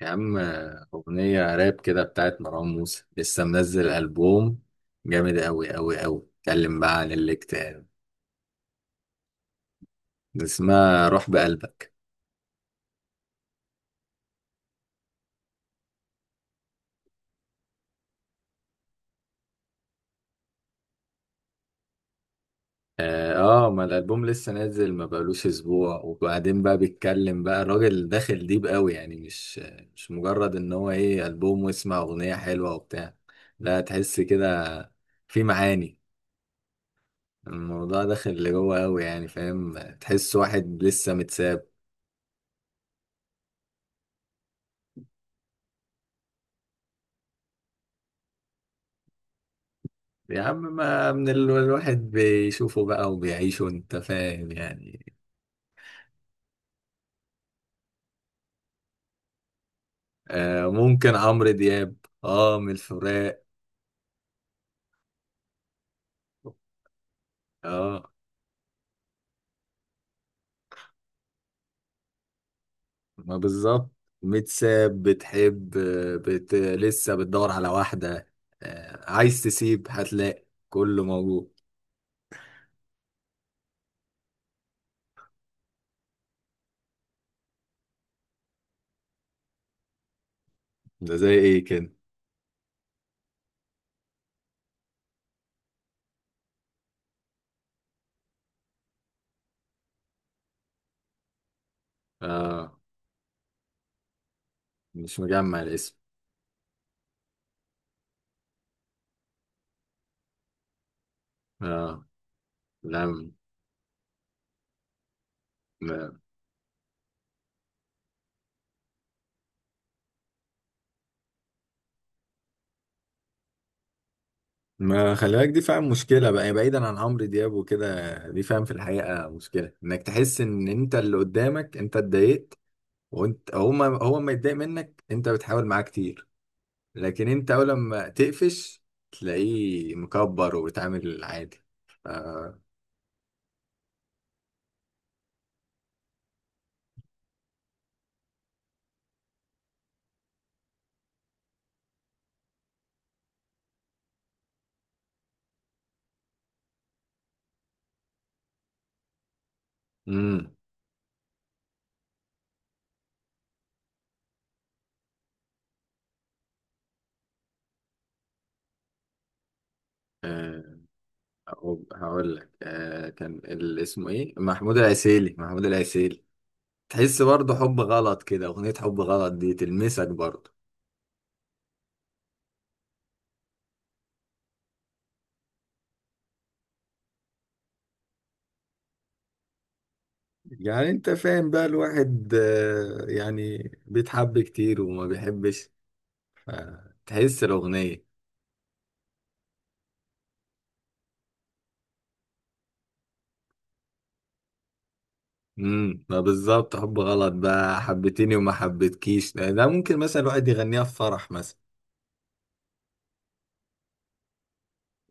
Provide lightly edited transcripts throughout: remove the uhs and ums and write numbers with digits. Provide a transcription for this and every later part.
يا عم أغنية راب كده بتاعت مروان موسى لسه منزل ألبوم جامد أوي أوي أوي اتكلم بقى عن الاكتئاب اسمها روح بقلبك. آه آه، ما الألبوم لسه نازل ما بقالوش أسبوع وبعدين بقى بيتكلم بقى الراجل داخل ديب أوي، يعني مش مجرد إن هو إيه ألبوم واسمع أغنية حلوة وبتاع، لا تحس كده، في معاني. الموضوع داخل لجوه أوي يعني فاهم، تحس واحد لسه متساب. يا عم ما الواحد بيشوفه بقى وبيعيشه انت فاهم يعني. آه ممكن عمرو دياب، اه من الفراق. اه ما بالظبط، متساب بتحب، لسه بتدور على واحدة، آه عايز تسيب هتلاقي كله موجود. ده زي ايه كده؟ اه مش مجمع الاسم. اه لا، ما خلي بالك دي فاهم مشكلة بقى، يعني بعيدا عن عمرو دياب وكده، دي فاهم في الحقيقة مشكلة، انك تحس ان انت اللي قدامك انت اتضايقت، وانت هو ما هو ما يتضايق منك، انت بتحاول معاه كتير لكن انت اول لما تقفش تلاقيه مكبر وبيتعامل عادي. ف... امم أه... هقول لك، كان اسمه ايه، محمود العسيلي، محمود العسيلي. تحس برضه حب غلط كده، اغنية حب غلط دي تلمسك برضه. يعني انت فاهم بقى الواحد، يعني بيتحب كتير وما بيحبش، تحس الاغنيه. ما بالظبط، حب غلط بقى، حبتيني وما حبتكيش، ده ده ممكن مثلا الواحد يغنيها في فرح مثلا.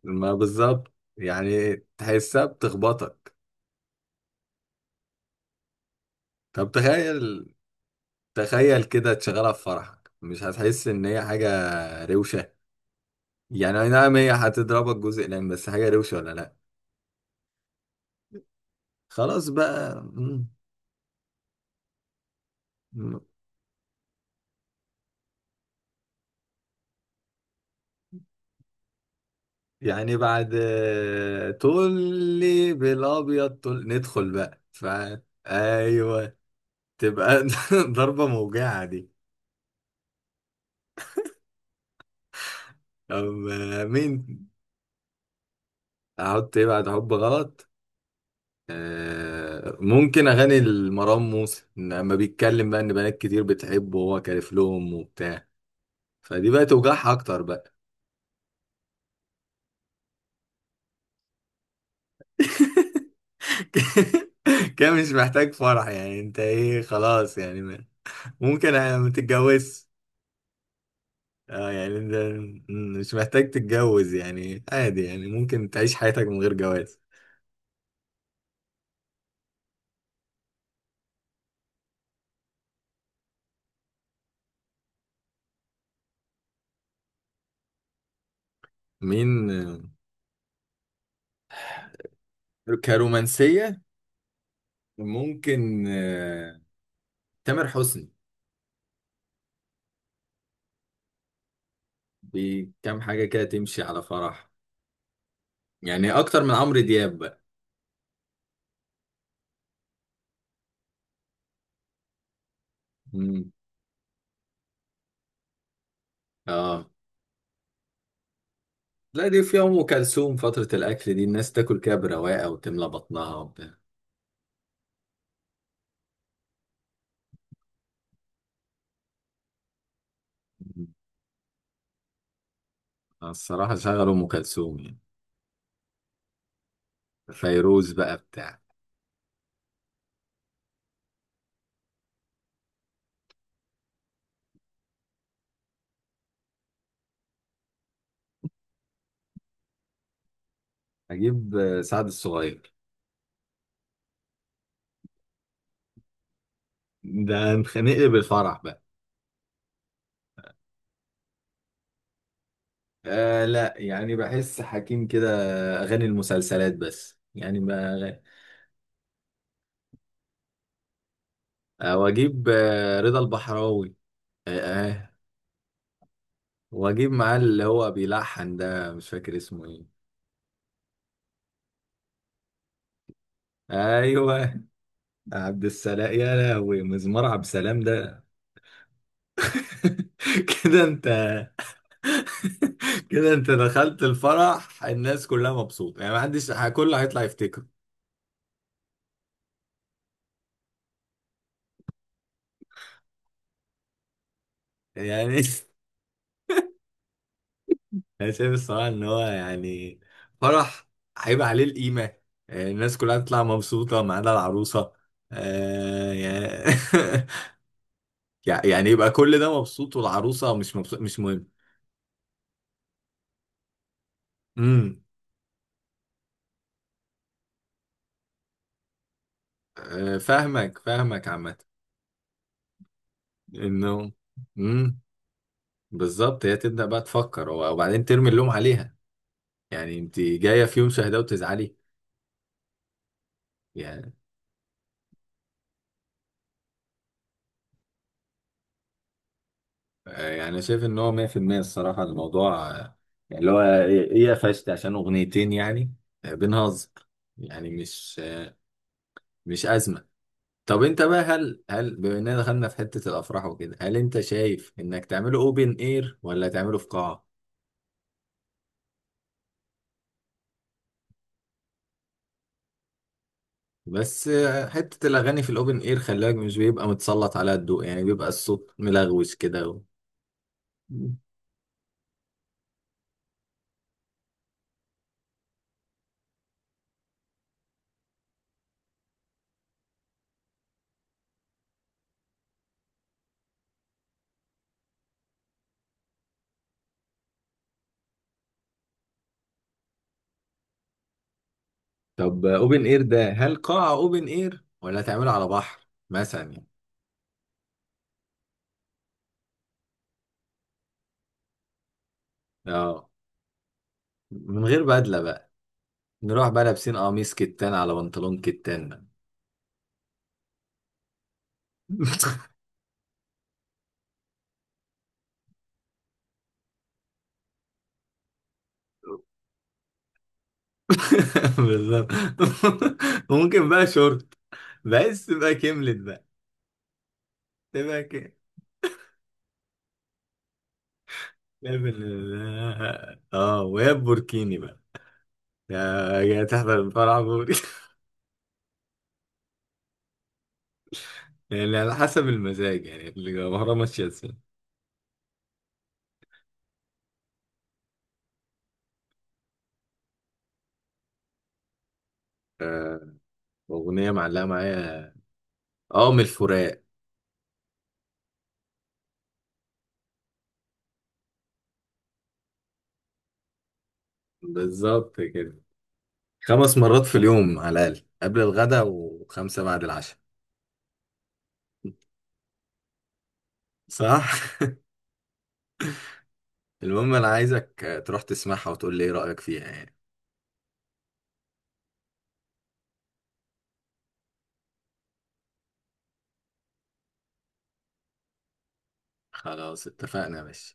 ما بالظبط، يعني تحسها بتخبطك. طب تخيل، تخيل كده تشغلها في فرحك، مش هتحس ان هي حاجه روشه؟ يعني اي نعم هي هتضربك جزء، لان بس حاجه روشه ولا لا. خلاص بقى. مم. يعني بعد طلي بالابيض طل، ندخل بقى ايوه. تبقى ضربه موجعه دي. اما مين، احط ايه بعد حب غلط؟ آه ممكن اغاني المرام موسى لما بيتكلم بقى ان بنات كتير بتحبه وهو كارف لهم وبتاع، فدي بقى توجعها اكتر بقى. كده مش محتاج فرح يعني، انت ايه خلاص يعني ممكن ما تتجوزش. اه يعني انت مش محتاج تتجوز يعني، عادي يعني ممكن تعيش حياتك من غير جواز. مين كرومانسية؟ ممكن تامر حسني. بكام حاجة كده تمشي على فرح، يعني أكتر من عمرو دياب بقى. مم. اه لا، دي في أم كلثوم، فترة الأكل دي الناس تاكل كده برواقة وتملى بطنها وبتاع. مم. الصراحة شغل أم كلثوم يعني، فيروز بقى بتاع. أجيب سعد الصغير. ده هنخنق بالفرح بقى. آه لا، يعني بحس حكيم كده اغاني المسلسلات بس يعني ما أغاني. آه واجيب آه رضا البحراوي. آه, آه واجيب معاه اللي هو بيلحن ده، مش فاكر اسمه ايه. ايوه، عبد السلام، يا لهوي مزمار عبد السلام ده. كده انت، كده انت دخلت الفرح الناس كلها مبسوطه يعني، ما حدش كله هيطلع يفتكره. يعني انا شايف الصراحه ان هو يعني، فرح هيبقى عليه القيمه، الناس كلها تطلع مبسوطه ما عدا العروسه، يعني يعني يبقى كل ده مبسوط والعروسه مش مبسوط مش مهم. امم فاهمك فاهمك عامه. انه، امم، بالظبط هي تبدا بقى تفكر وبعدين ترمي اللوم عليها، يعني انت جايه في يوم شهداء وتزعلي؟ يعني يعني أنا شايف ان هو 100% الصراحه الموضوع، يعني اللي هو ايه إيه قفشت عشان اغنيتين يعني، بنهزر يعني، مش مش ازمه. طب انت بقى هل بما اننا دخلنا في حته الافراح وكده، هل انت شايف انك تعمله اوبن اير ولا تعمله في قاعه؟ بس حته الاغاني في الاوبن اير خلاك مش بيبقى متسلط على الضوء، يعني بيبقى الصوت ملغوش كده طب اوبن اير ده هل قاعه اوبن اير ولا تعمله على بحر مثلا يعني؟ اه من غير بدله، نروح بقى لابسين قميص كتان على بنطلون كتان بقى. بالظبط. ممكن بقى شورت، بس تبقى كملت بقى، تبقى كده. اه ويا بوركيني بقى، يا، يا تحضر الفرح بوري. يعني على حسب المزاج، يعني المهرة ماشية ازاي. آه، أغنية معلقة معايا، اه من الفراق. بالظبط كده، 5 مرات في اليوم على الأقل قبل الغداء و5 بعد العشاء. صح؟ المهم انا عايزك تروح تسمعها وتقول لي ايه رأيك فيها يعني. خلاص اتفقنا يا باشا.